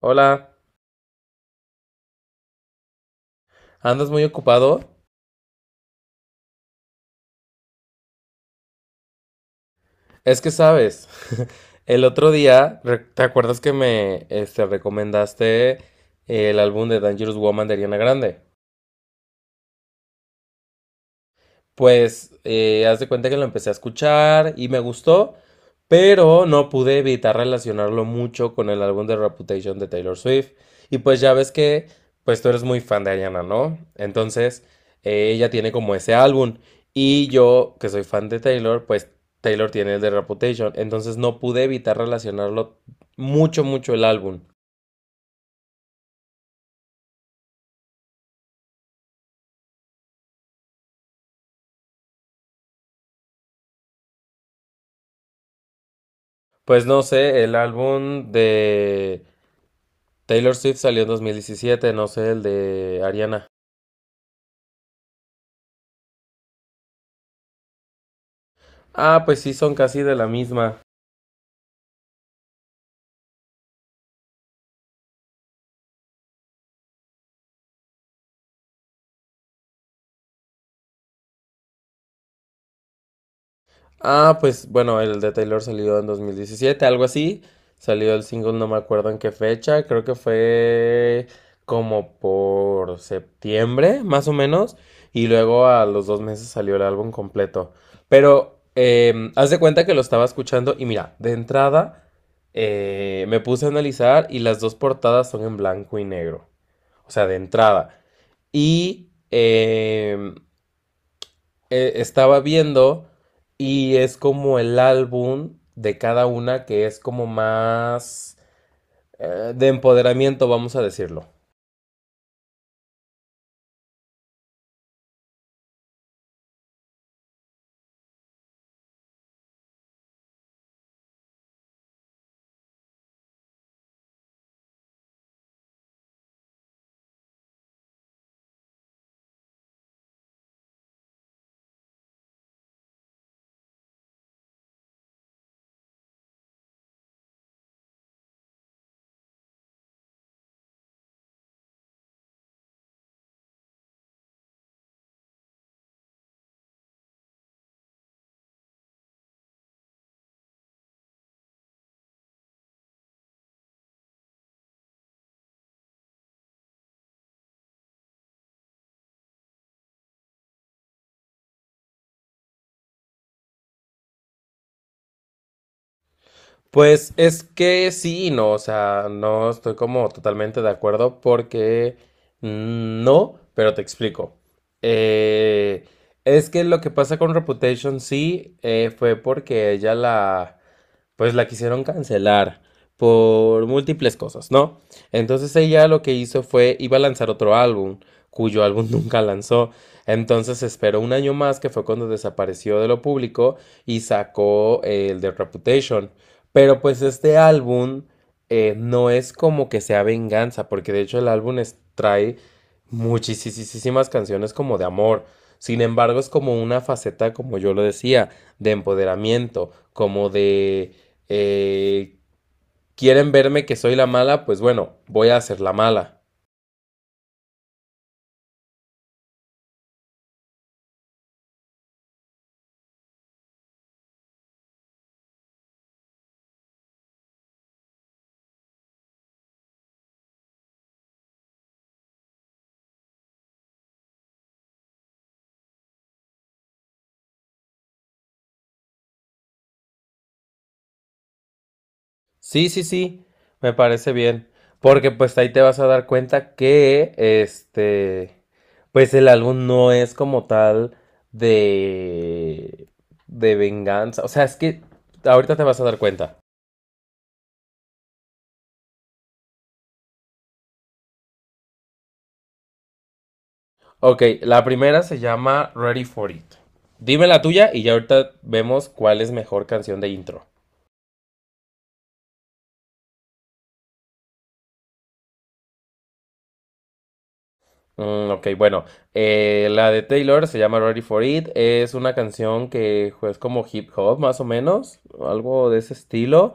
Hola, ¿andas muy ocupado? Es que sabes, el otro día, ¿te acuerdas que me recomendaste el álbum de Dangerous Woman de Ariana Grande? Pues, haz de cuenta que lo empecé a escuchar y me gustó, pero no pude evitar relacionarlo mucho con el álbum de Reputation de Taylor Swift. Y pues ya ves que, pues tú eres muy fan de Ariana, ¿no? Entonces, ella tiene como ese álbum. Y yo, que soy fan de Taylor, pues Taylor tiene el de Reputation. Entonces no pude evitar relacionarlo mucho, mucho el álbum. Pues no sé, el álbum de Taylor Swift salió en 2017, no sé, el de Ariana. Ah, pues sí, son casi de la misma. Ah, pues bueno, el de Taylor salió en 2017, algo así. Salió el single, no me acuerdo en qué fecha, creo que fue como por septiembre, más o menos. Y luego a los 2 meses salió el álbum completo. Pero haz de cuenta que lo estaba escuchando y mira, de entrada me puse a analizar y las dos portadas son en blanco y negro. O sea, de entrada. Y estaba viendo y es como el álbum de cada una que es como más de empoderamiento, vamos a decirlo. Pues es que sí y no, o sea, no estoy como totalmente de acuerdo porque no, pero te explico. Eh, es que lo que pasa con Reputation sí, fue porque ella la pues la quisieron cancelar por múltiples cosas, ¿no? Entonces ella lo que hizo fue iba a lanzar otro álbum, cuyo álbum nunca lanzó. Entonces esperó un año más, que fue cuando desapareció de lo público y sacó, el de Reputation. Pero pues este álbum, no es como que sea venganza, porque de hecho trae muchísimas canciones como de amor. Sin embargo, es como una faceta, como yo lo decía, de empoderamiento, como de eh, quieren verme que soy la mala, pues bueno, voy a hacer la mala. Sí, sí, sí, me parece bien, porque pues ahí te vas a dar cuenta que pues el álbum no es como tal de de venganza, o sea, es que ahorita te vas a dar cuenta. Ok, la primera se llama Ready for It. Dime la tuya y ya ahorita vemos cuál es mejor canción de intro. Mm, ok, bueno, la de Taylor se llama Ready for It, es una canción que es como hip hop más o menos, algo de ese estilo,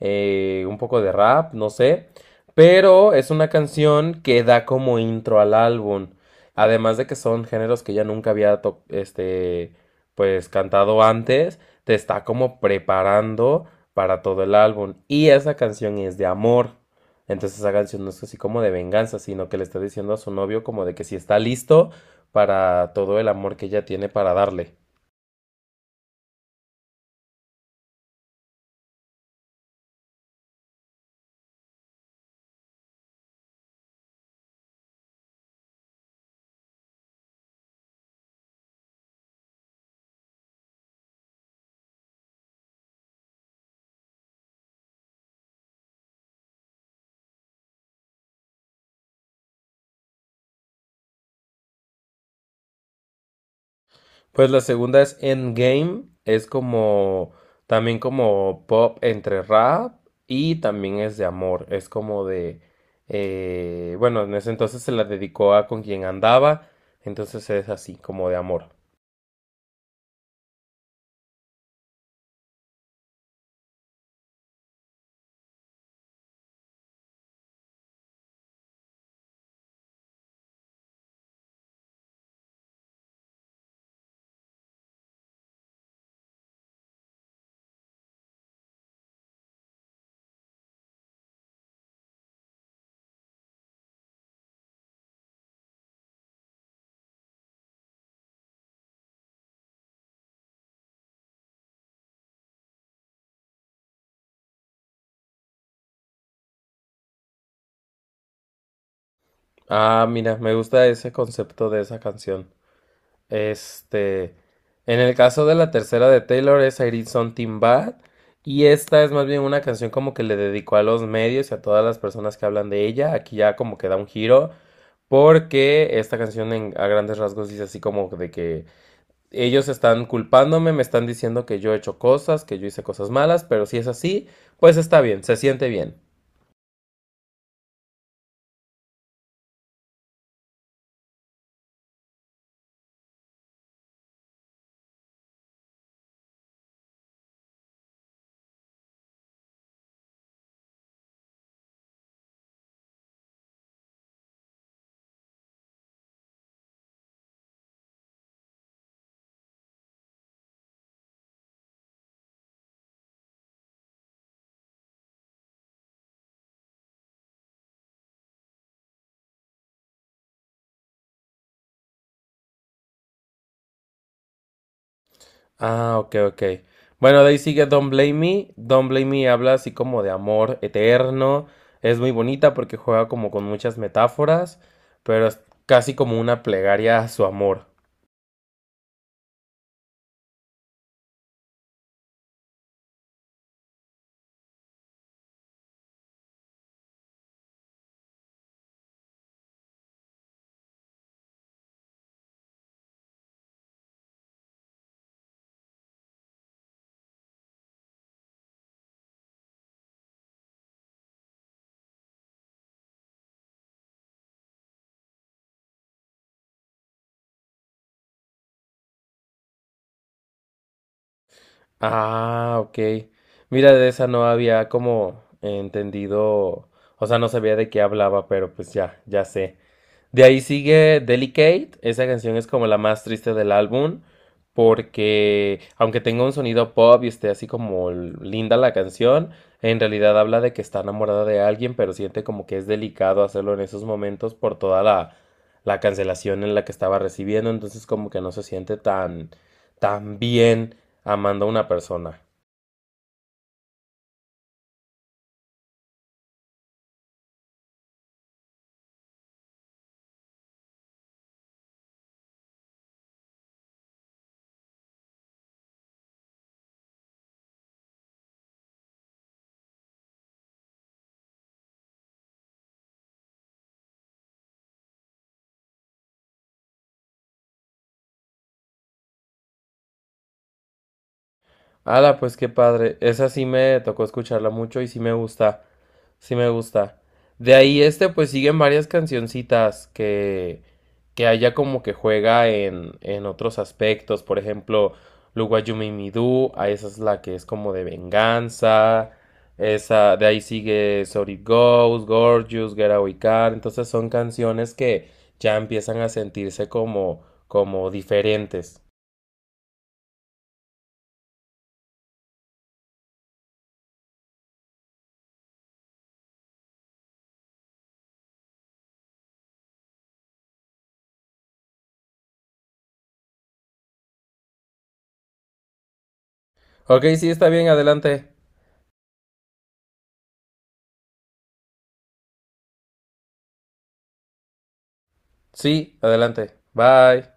un poco de rap, no sé, pero es una canción que da como intro al álbum, además de que son géneros que ya nunca pues cantado antes, te está como preparando para todo el álbum y esa canción es de amor. Entonces esa canción no es así como de venganza, sino que le está diciendo a su novio como de que si está listo para todo el amor que ella tiene para darle. Pues la segunda es Endgame, es como también como pop entre rap y también es de amor, es como de, bueno, en ese entonces se la dedicó a con quien andaba, entonces es así como de amor. Ah, mira, me gusta ese concepto de esa canción. Este, en el caso de la tercera de Taylor es I Did Something Bad y esta es más bien una canción como que le dedicó a los medios y a todas las personas que hablan de ella. Aquí ya como que da un giro porque esta canción a grandes rasgos dice así como de que ellos están culpándome, me están diciendo que yo he hecho cosas, que yo hice cosas malas, pero si es así, pues está bien, se siente bien. Ah, ok, ok. Bueno, de ahí sigue Don't Blame Me. Don't Blame Me habla así como de amor eterno. Es muy bonita porque juega como con muchas metáforas, pero es casi como una plegaria a su amor. Ah, ok. Mira, de esa no había como entendido, o sea, no sabía de qué hablaba, pero pues ya, ya sé. De ahí sigue Delicate. Esa canción es como la más triste del álbum. Porque aunque tenga un sonido pop y esté así como linda la canción, en realidad habla de que está enamorada de alguien, pero siente como que es delicado hacerlo en esos momentos por toda la cancelación en la que estaba recibiendo. Entonces como que no se siente tan, tan bien amando a una persona. Ala, pues qué padre. Esa sí me tocó escucharla mucho y sí me gusta. Sí me gusta. De ahí pues siguen varias cancioncitas que haya como que juega en otros aspectos. Por ejemplo, Luwayumi Midu, a esa es la que es como de venganza. Esa, de ahí sigue Sorry Goes, Gorgeous, Getaway Car. Entonces son canciones que ya empiezan a sentirse como, como diferentes. Ok, sí, está bien, adelante. Sí, adelante. Bye.